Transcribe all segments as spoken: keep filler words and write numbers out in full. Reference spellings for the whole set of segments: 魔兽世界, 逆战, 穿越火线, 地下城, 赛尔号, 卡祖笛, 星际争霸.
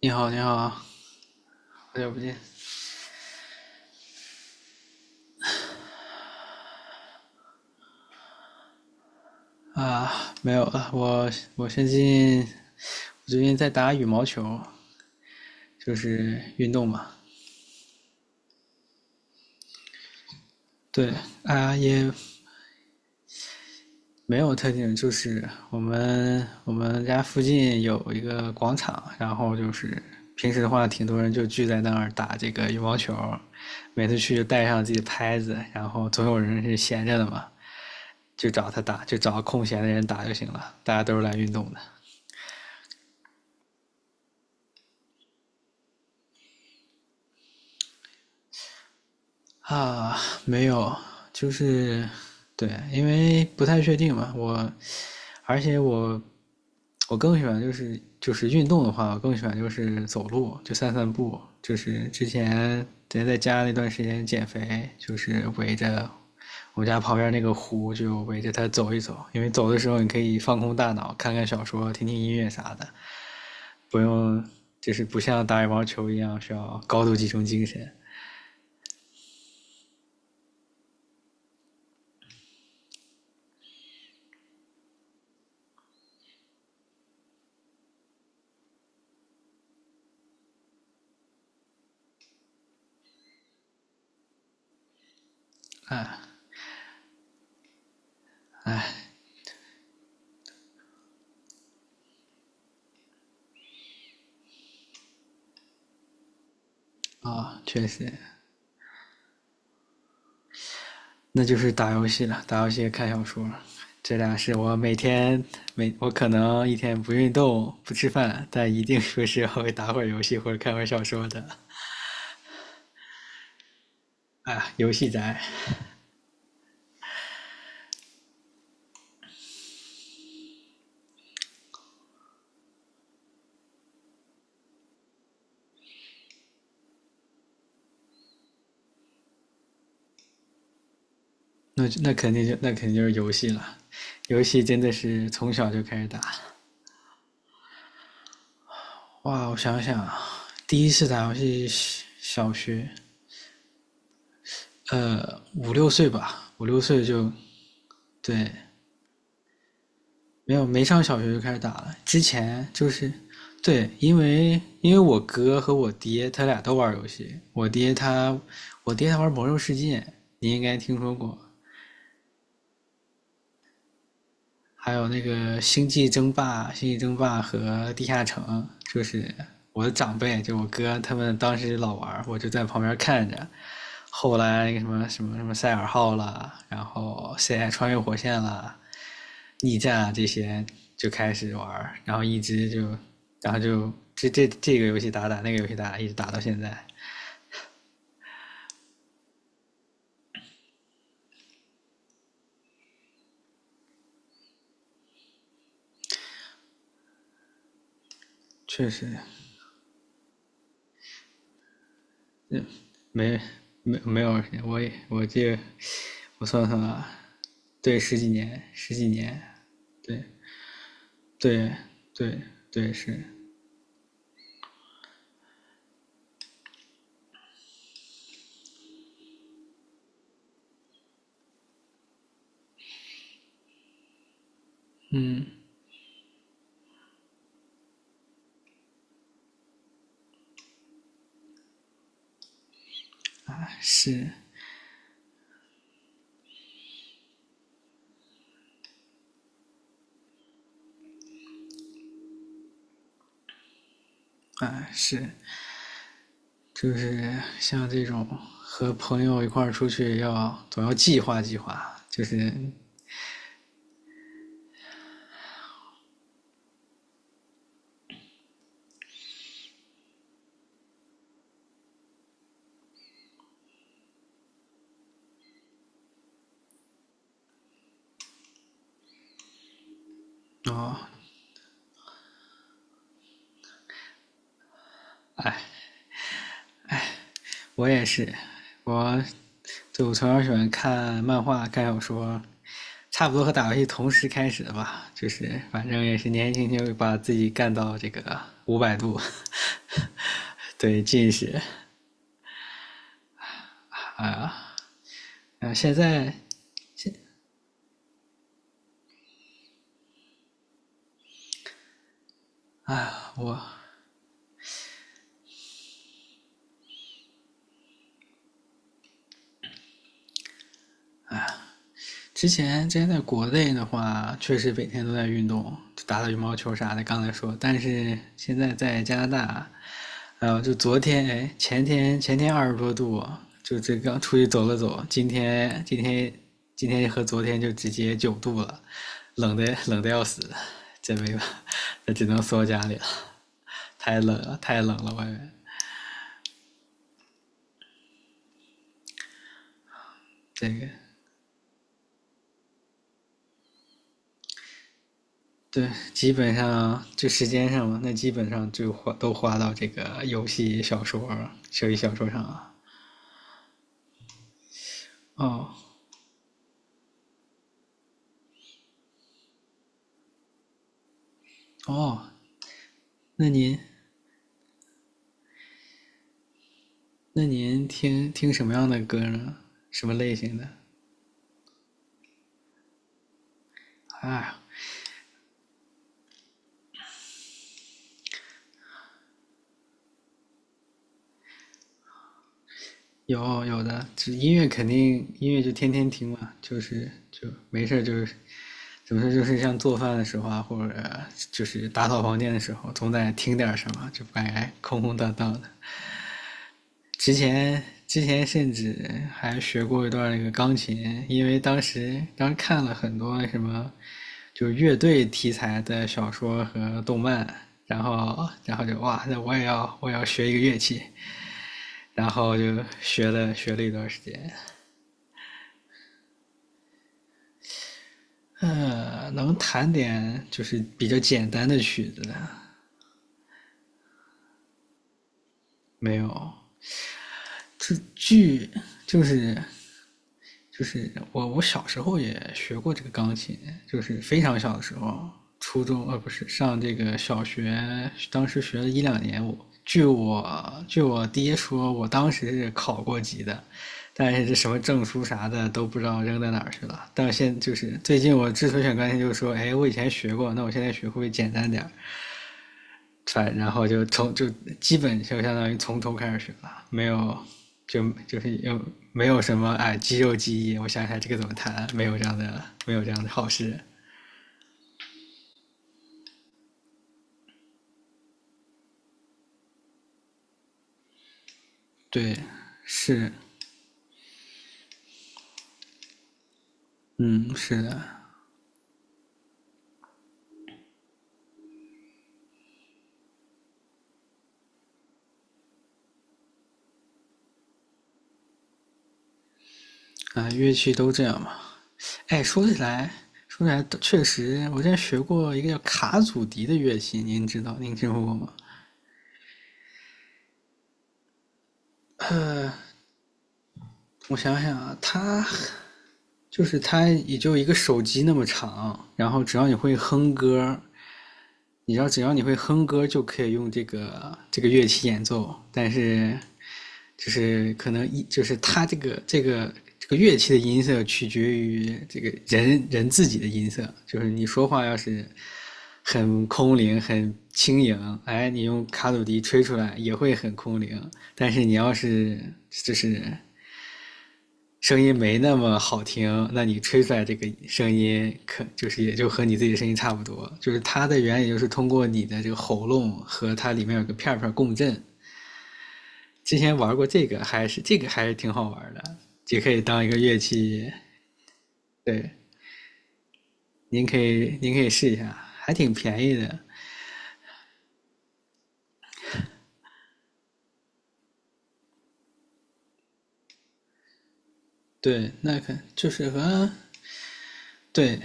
你好，你好，好久不见啊！没有了，我我最近我最近在打羽毛球，就是运动嘛。对啊，也没有特定，就是我们我们家附近有一个广场，然后就是平时的话，挺多人就聚在那儿打这个羽毛球，每次去就带上自己拍子，然后总有人是闲着的嘛，就找他打，就找空闲的人打就行了。大家都是来运动的。啊，没有，就是对，因为不太确定嘛，我而且我我更喜欢就是就是运动的话，我更喜欢就是走路，就散散步，就是之前之前在家那段时间减肥，就是围着我们家旁边那个湖，就围着它走一走，因为走的时候你可以放空大脑，看看小说，听听音乐啥的，不用就是不像打羽毛球一样需要高度集中精神。啊，确实，那就是打游戏了，打游戏看小说，这俩是我每天。每我可能一天不运动不吃饭，但一定说是会打会儿游戏或者看会儿小说的。啊，游戏宅，那那肯定就那肯定就是游戏了，游戏真的是从小就开始打。哇，我想想啊，第一次打游戏小学，呃，五六岁吧，五六岁就对。没有，没上小学就开始打了。之前就是，对，因为因为我哥和我爹他俩都玩游戏，我爹他我爹他玩《魔兽世界》，你应该听说过，还有那个《星际争霸》《星际争霸》和《地下城》，就是我的长辈，就我哥他们当时老玩我就在旁边看着。后来那个什么什么什么赛尔号啦，然后 C I 穿越火线啦，逆战啊这些就开始玩，然后一直就，然后就这这这个游戏打打，那个游戏打打，一直打到现在，确实。没没没有，我也我这我算算啊，对，十几年，十几年，对对对对，是，是啊，是，就是像这种和朋友一块儿出去要总要计划计划，就是。哦，哎，我也是我对，我从小喜欢看漫画、看小说，差不多和打游戏同时开始的吧。就是反正也是年轻轻就把自己干到这个五百度，对近视。啊，现在我之前之前在国内的话，确实每天都在运动，就打打羽毛球啥的。刚才说，但是现在在加拿大，然后就昨天，哎，前天前天二十多度啊，就这刚出去走了走，今天。今天今天和昨天就直接九度了，冷的冷的要死，真没办法，那只能缩家里了，太冷了，太冷了，外面。这个对，基本上就时间上嘛，那基本上就花都花到这个游戏、小说、手机小说上了。哦哦，那您那您听听什么样的歌呢？什么类型的？哎呀。有有的，就音乐肯定，音乐就天天听嘛，就是就没事儿就是怎么说，就是像做饭的时候啊，或者就是打扫房间的时候，总得听点儿什么，就不该空空荡荡的。之前之前甚至还学过一段那个钢琴，因为当时刚看了很多什么就是乐队题材的小说和动漫，然后然后就哇，那我也要我也要学一个乐器，然后就学了学了一段时间。呃，能弹点就是比较简单的曲子的。没有？这剧就是。就是我我小时候也学过这个钢琴，就是非常小的时候，初中呃不是，上这个小学，当时学了一两年。我据我据我爹说，我当时是考过级的，但是这什么证书啥的都不知道扔在哪儿去了。但是现就是最近我之所以选钢琴，就是说，哎，我以前学过，那我现在学会不会简单点儿？反然后就从就基本就相当于从头开始学了，没有。就就是又没有什么哎肌肉记忆，我想想这个怎么弹，没有这样的没有这样的好事。对，是，嗯，是的，啊，乐器都这样嘛。哎，说起来说起来，确实我之前学过一个叫卡祖笛的乐器，您知道，您听说过吗？呃，我想想啊，它。就是它也就一个手机那么长，然后只要你会哼歌，你知道，只要你会哼歌，就可以用这个这个乐器演奏。但是，就是可能一就是它这个这个这个乐器的音色取决于这个人人自己的音色。就是你说话要是很空灵、很轻盈，哎，你用卡鲁笛吹出来也会很空灵。但是你要是就是声音没那么好听，那你吹出来这个声音，可就是也就和你自己的声音差不多。就是它的原理就是通过你的这个喉咙和它里面有个片片共振。之前玩过这个，还是这个还是挺好玩的，也可以当一个乐器。对，您可以您可以试一下，还挺便宜的。对，那可就是和对，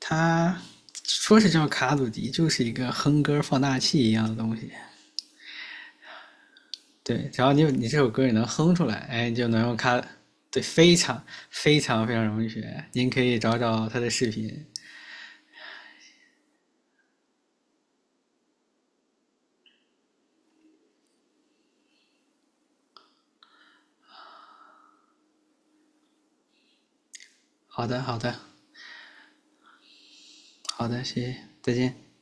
它说是叫卡祖笛，就是一个哼歌放大器一样的东西。对，只要你你这首歌你能哼出来，哎，你就能用它，对，非常非常非常容易学。您可以找找他的视频。好的，好的，好的，谢谢，再见。